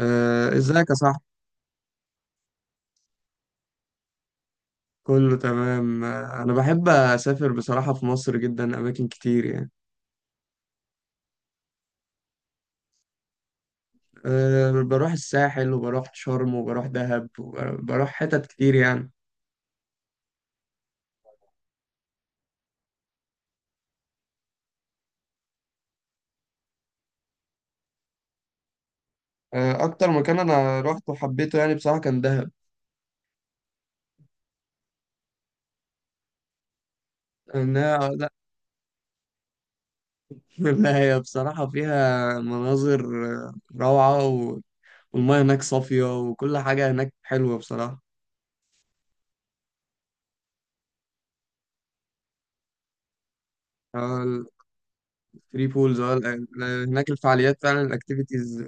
آه، ازيك يا صاحبي. كله تمام. انا بحب اسافر بصراحة، في مصر جدا اماكن كتير يعني. بروح الساحل وبروح شرم وبروح دهب وبروح حتت كتير يعني. اكتر مكان انا روحته وحبيته يعني بصراحة كان دهب. انها لا لا، هي بصراحة فيها مناظر آه، روعة والمياه هناك صافية وكل حاجة هناك حلوة بصراحة. آه، الثري بولز هناك، الفعاليات فعلا الاكتيفيتيز.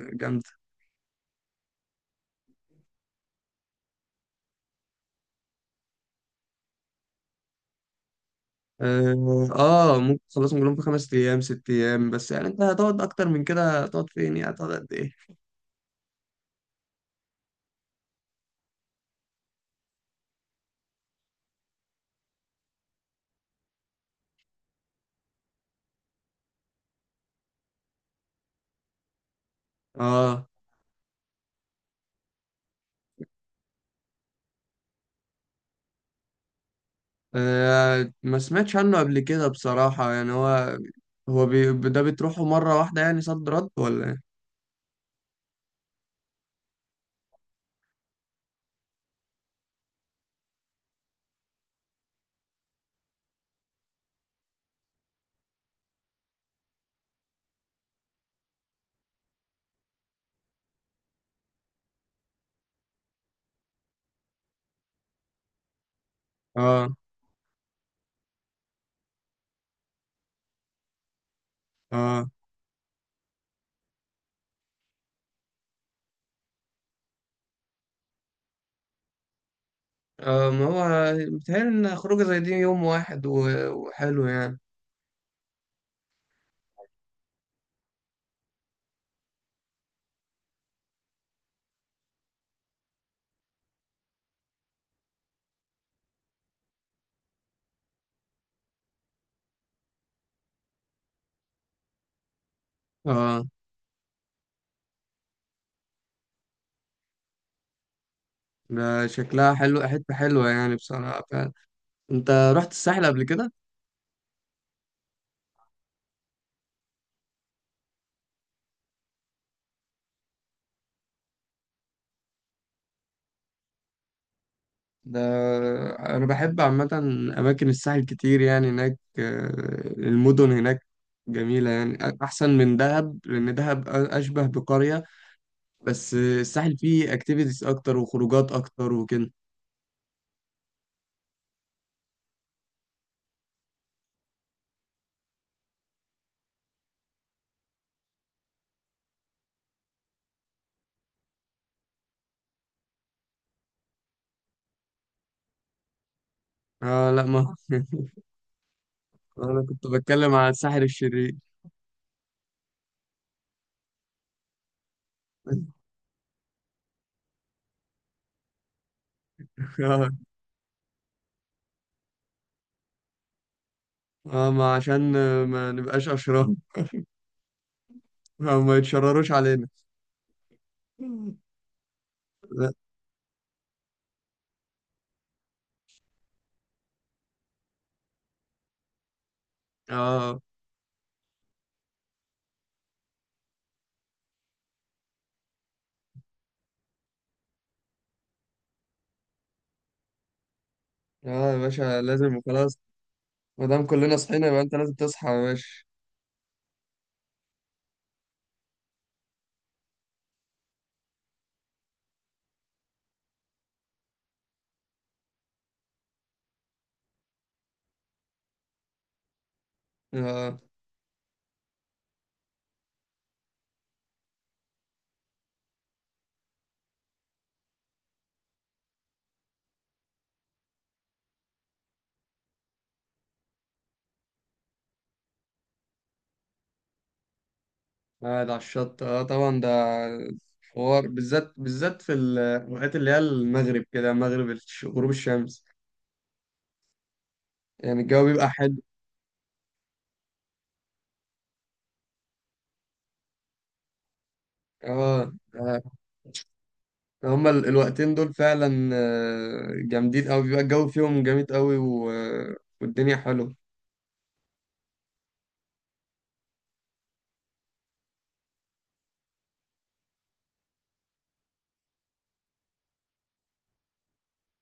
ممكن تخلصهم كلهم في 5 ايام 6 ايام، بس يعني انت هتقعد اكتر من كده؟ هتقعد فين يعني؟ هتقعد قد ايه؟ اه ما سمعتش عنه قبل كده بصراحة، يعني هو ده بتروحه مرة واحدة يعني، صد رد ولا ايه؟ اه اه اه ما هو بيتهيألي ان خروجة زي دي يوم واحد وحلو يعني. اه ده شكلها حلو، حتة حلوة يعني بصراحة فعلا. انت رحت الساحل قبل كده؟ ده أنا بحب عامة أماكن الساحل كتير، يعني هناك المدن هناك جميلة يعني، أحسن من دهب لأن دهب أشبه بقرية، بس الساحل فيه أكتيفيتيز أكتر وخروجات أكتر وكده. آه لا ما أنا كنت بتكلم على الساحل الشرير. آه ما عشان ما نبقاش أشرار. ما يتشرروش علينا. لا. آه يا باشا لازم، خلاص. ما دام كلنا صحينا يبقى أنت لازم تصحى يا باشا. آه. قاعد على الشط، اه طبعا، ده حوار بالذات، بالذات في الوقت اللي هي المغرب، كده مغرب غروب الشمس، يعني الجو بيبقى حلو. اه آه، هما الوقتين دول فعلا جامدين قوي، بيبقى الجو فيهم جامد قوي والدنيا حلوه.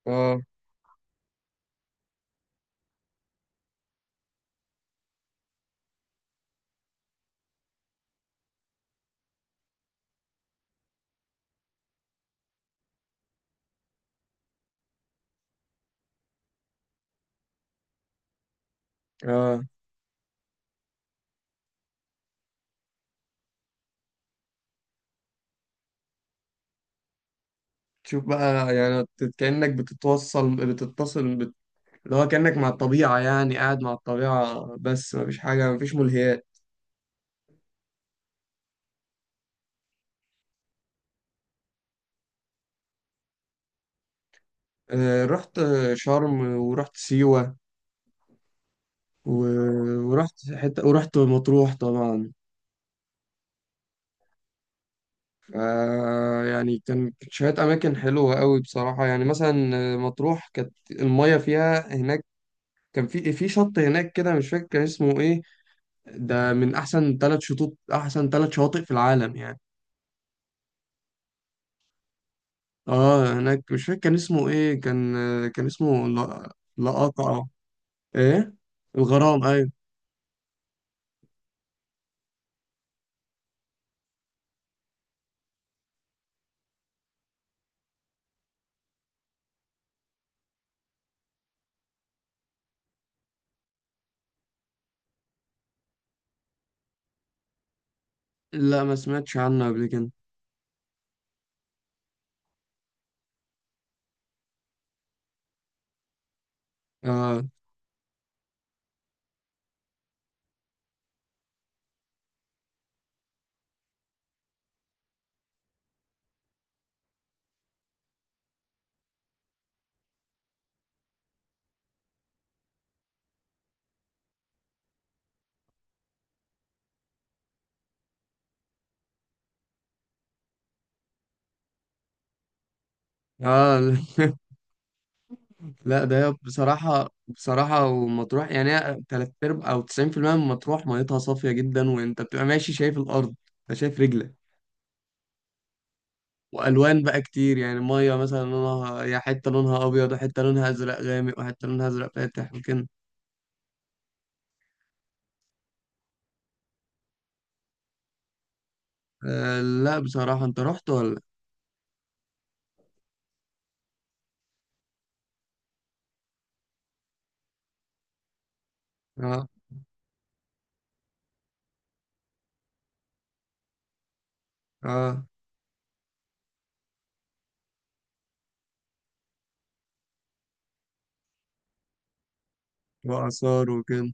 اه اه تشوف بقى يعني، بت- كأنك بتتوصل بتتصل بت... اللي هو كأنك مع الطبيعة يعني، قاعد مع الطبيعة بس مفيش حاجة، مفيش ملهيات. رحت شرم ورحت سيوة ورحت حتة ورحت مطروح طبعا. آه، يعني كانت شوية أماكن حلوة قوي بصراحة، يعني مثلا مطروح كانت المية فيها هناك، كان في شط هناك كده مش فاكر كان اسمه ايه، ده من أحسن 3 شطوط، أحسن 3 شواطئ في العالم يعني. اه هناك مش فاكر كان اسمه ايه، كان كان اسمه، لا، لقاقع، ايه، الغرام، ايوه. لا، ما سمعتش عنه قبل كده. اه اه لا، ده هي بصراحة بصراحة، ومطروح يعني هي تلات أرباع أو 90% من مطروح ميتها صافية جدا، وأنت بتبقى ماشي شايف الأرض، أنت شايف رجلك، وألوان بقى كتير يعني، مية مثلا لونها، يا حتة لونها أبيض وحتة لونها أزرق غامق وحتة لونها أزرق فاتح وكده. آه لا، بصراحة أنت رحت ولا؟ آه آه، وآثار وكده.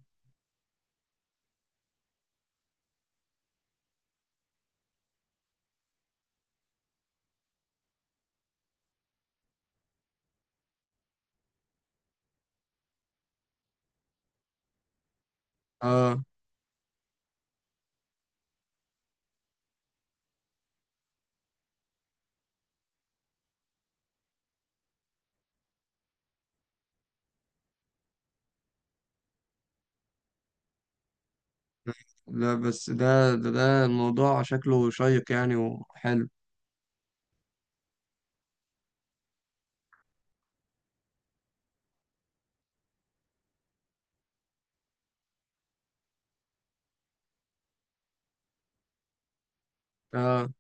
آه لا بس ده الموضوع شكله شيق يعني وحلو. آه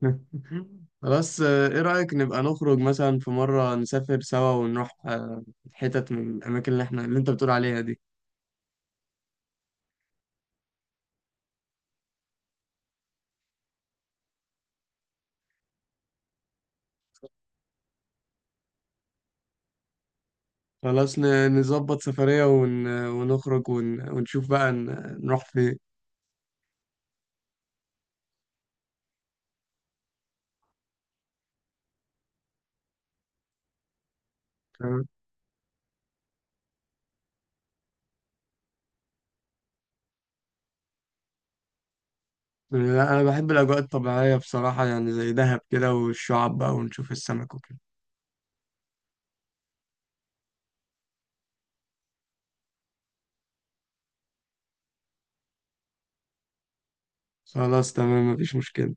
خلاص، ايه رأيك نبقى نخرج مثلا في مرة نسافر سوا ونروح حتت من الأماكن اللي احنا اللي انت بتقول عليها دي. خلاص نظبط سفرية ونخرج ونشوف بقى نروح فين. تمام؟ لا أنا بحب الأجواء الطبيعية بصراحة يعني، زي دهب كده، والشعاب بقى ونشوف السمك وكده. خلاص تمام، مفيش مشكلة.